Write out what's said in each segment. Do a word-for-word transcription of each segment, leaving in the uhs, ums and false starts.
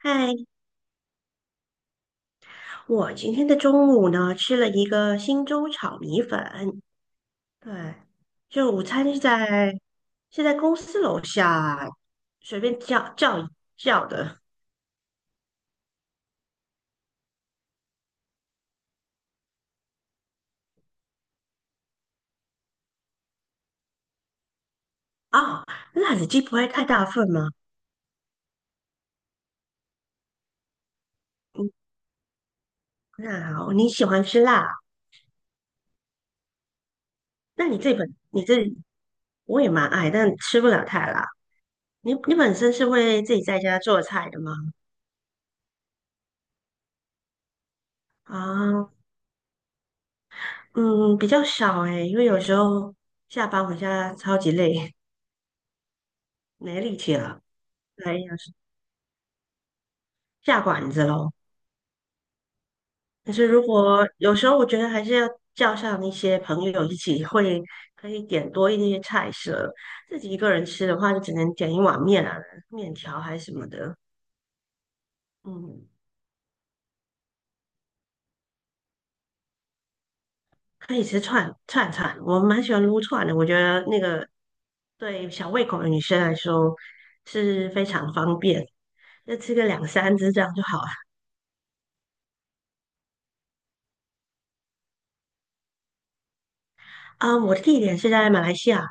嗨，我今天的中午呢吃了一个新州炒米粉，对，就午餐是在是在公司楼下随便叫叫一叫的哦，辣子鸡不会太大份吗？那好，你喜欢吃辣，那你这本你这我也蛮爱，但吃不了太辣。你你本身是会自己在家做菜的吗？啊，嗯，比较少诶，因为有时候下班回家超级累，没力气了。对。下馆子喽，可是如果有时候我觉得还是要叫上一些朋友一起会，可以点多一些菜色。自己一个人吃的话，就只能点一碗面啊，面条还是什么的。嗯，可以吃串串串，我蛮喜欢撸串的，我觉得那个对小胃口的女生来说是非常方便，就吃个两三只这样就好了。啊、我的地点是在马来西亚。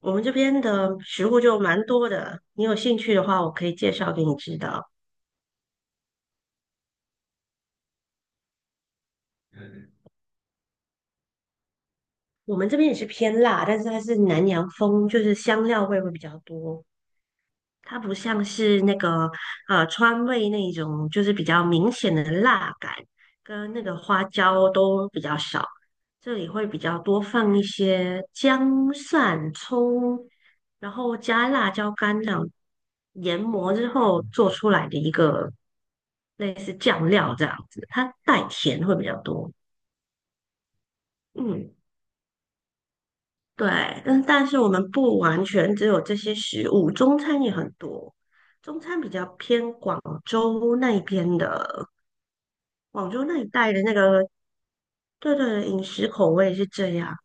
我们这边的食物就蛮多的，你有兴趣的话，我可以介绍给你知道。我们这边也是偏辣，但是它是南洋风，就是香料味会比较多。它不像是那个呃川味那一种，就是比较明显的辣感，跟那个花椒都比较少。这里会比较多放一些姜、蒜、葱，然后加辣椒干这样研磨之后做出来的一个类似酱料这样子，它带甜会比较多。嗯。对，但但是我们不完全只有这些食物，中餐也很多。中餐比较偏广州那一边的，广州那一带的那个，对对，饮食口味是这样。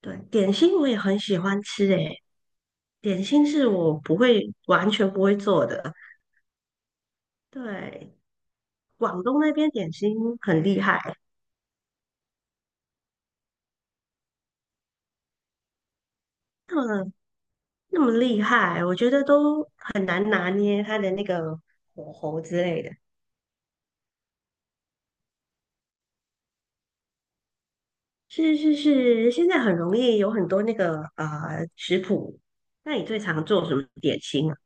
对，点心我也很喜欢吃，诶，点心是我不会完全不会做的。对，广东那边点心很厉害，那么那么厉害，我觉得都很难拿捏它的那个火候之类的。是是是，现在很容易有很多那个呃食谱。那你最常做什么点心啊？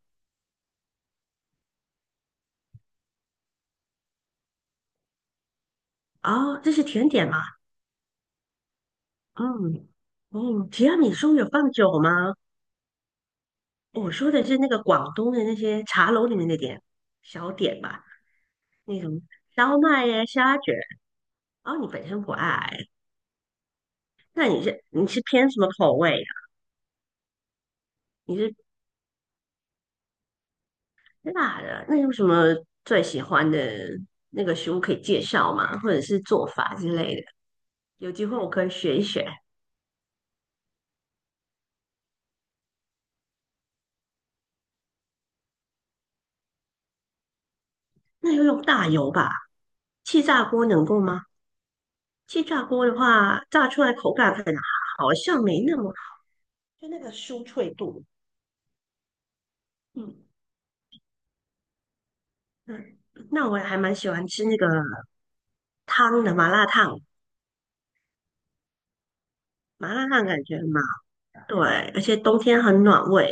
哦，这是甜点吗？嗯嗯，提拉米苏有放酒吗？我说的是那个广东的那些茶楼里面的点小点吧，那种烧麦呀、虾卷。哦，你本身不爱，那你是你是偏什么口味啊？你是辣的，那有什么最喜欢的那个食物可以介绍吗？或者是做法之类的？有机会我可以学一学。那要用大油吧？气炸锅能够吗？气炸锅的话，炸出来口感可能好像没那么，就那个酥脆度。嗯嗯，那我还蛮喜欢吃那个汤的麻辣烫，麻辣烫感觉嘛，对，而且冬天很暖胃。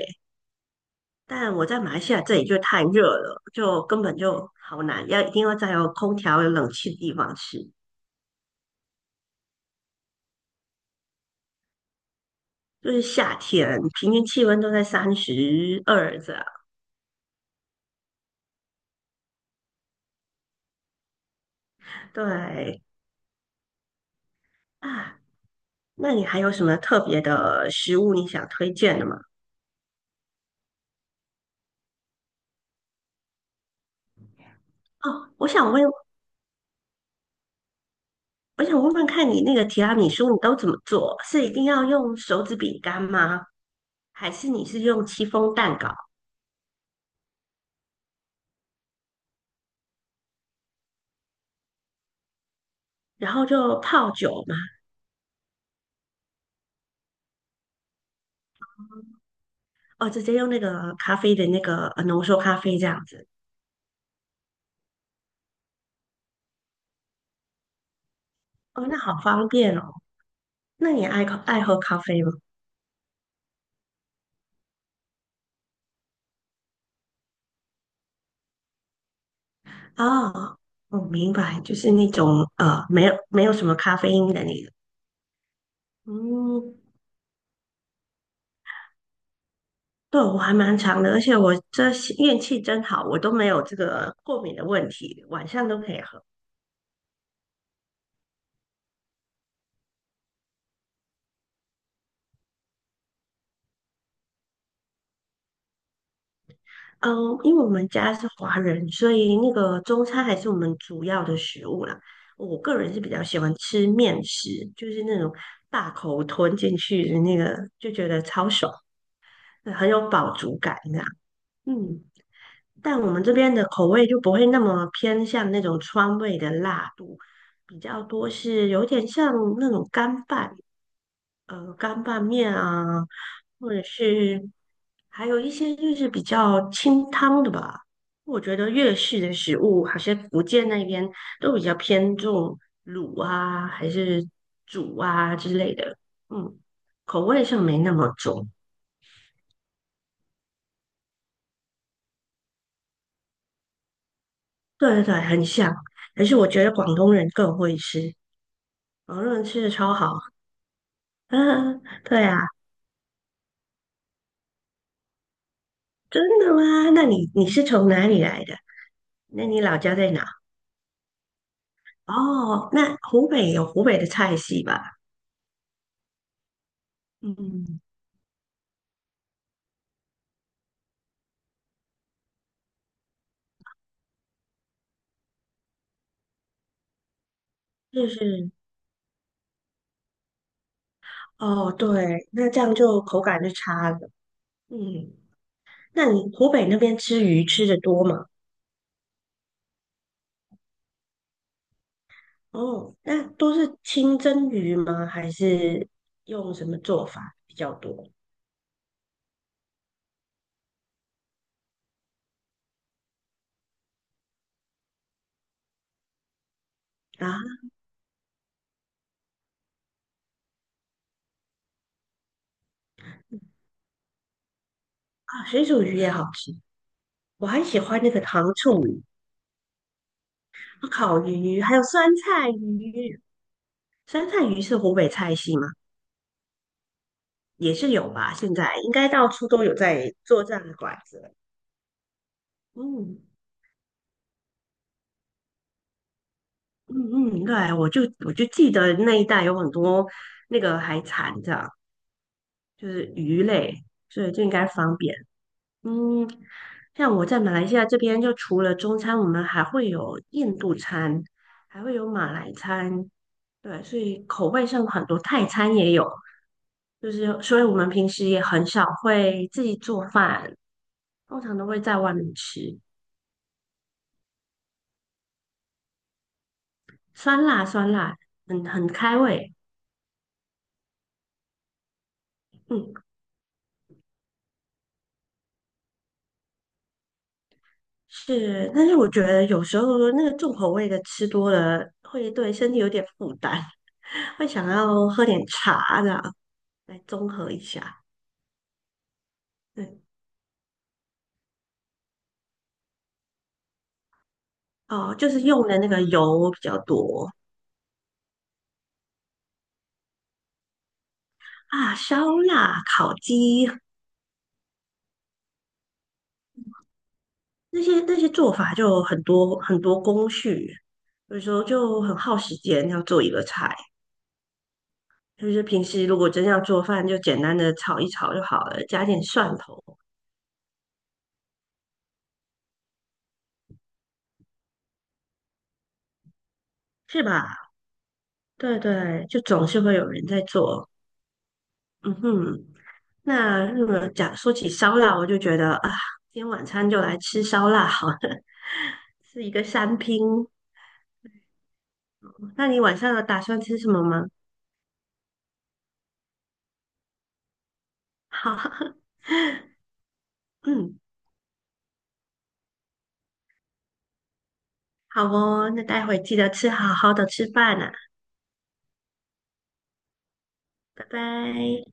但我在马来西亚这里就太热了，就根本就好难，要一定要在有空调、有冷气的地方吃。就是夏天，平均气温都在三十二这样，对。啊，那你还有什么特别的食物你想推荐的吗？哦，我想问，我想问问看你那个提拉米苏你都怎么做？是一定要用手指饼干吗？还是你是用戚风蛋糕，然后就泡酒吗？哦，直接用那个咖啡的那个呃浓缩咖啡这样子。哦，那好方便哦。那你爱喝爱喝咖啡吗？哦，我明白，就是那种呃没有没有什么咖啡因的那个。嗯，对，我还蛮长的，而且我这些运气真好，我都没有这个过敏的问题，晚上都可以喝。嗯，因为我们家是华人，所以那个中餐还是我们主要的食物啦。我个人是比较喜欢吃面食，就是那种大口吞进去的那个，就觉得超爽，很有饱足感这样。嗯，但我们这边的口味就不会那么偏向那种川味的辣度，比较多是有点像那种干拌。呃干拌面啊，或者是还有一些就是比较清汤的吧。我觉得粤式的食物，好像福建那边都比较偏重卤啊，还是煮啊之类的，嗯，口味上没那么重。对对对，很像。可是我觉得广东人更会吃，广东人吃的超好。啊，对啊，真的吗？那你你是从哪里来的？那你老家在哪？哦，那湖北有湖北的菜系吧？嗯，是是，哦，对，那这样就口感就差了。嗯，那你湖北那边吃鱼吃的多吗？哦，那都是清蒸鱼吗？还是用什么做法比较多？啊啊，水煮鱼也好吃，我还喜欢那个糖醋鱼、烤鱼，还有酸菜鱼。酸菜鱼是湖北菜系吗？也是有吧，现在应该到处都有在做这样的馆子了嗯。嗯嗯，对，我就我就记得那一带有很多那个海产，这样就是鱼类，所以就应该方便。嗯，像我在马来西亚这边，就除了中餐，我们还会有印度餐，还会有马来餐，对，所以口味上很多，泰餐也有，就是所以我们平时也很少会自己做饭，通常都会在外面吃，酸辣酸辣，很很开胃。嗯。是，但是我觉得有时候那个重口味的吃多了，会对身体有点负担，会想要喝点茶这样来综合一下。对，哦，就是用的那个油比较多啊，烧腊、烤鸡那些那些做法就很多很多工序，有时候就很耗时间要做一个菜。就是平时如果真要做饭，就简单的炒一炒就好了，加点蒜头，是吧？对对，就总是会有人在做。嗯哼，那日本讲说起烧腊，我就觉得啊，今天晚餐就来吃烧腊好了，是一个三拼。那你晚上有打算吃什么吗？好，嗯，好哦，那待会记得吃好好的吃饭啊，拜拜。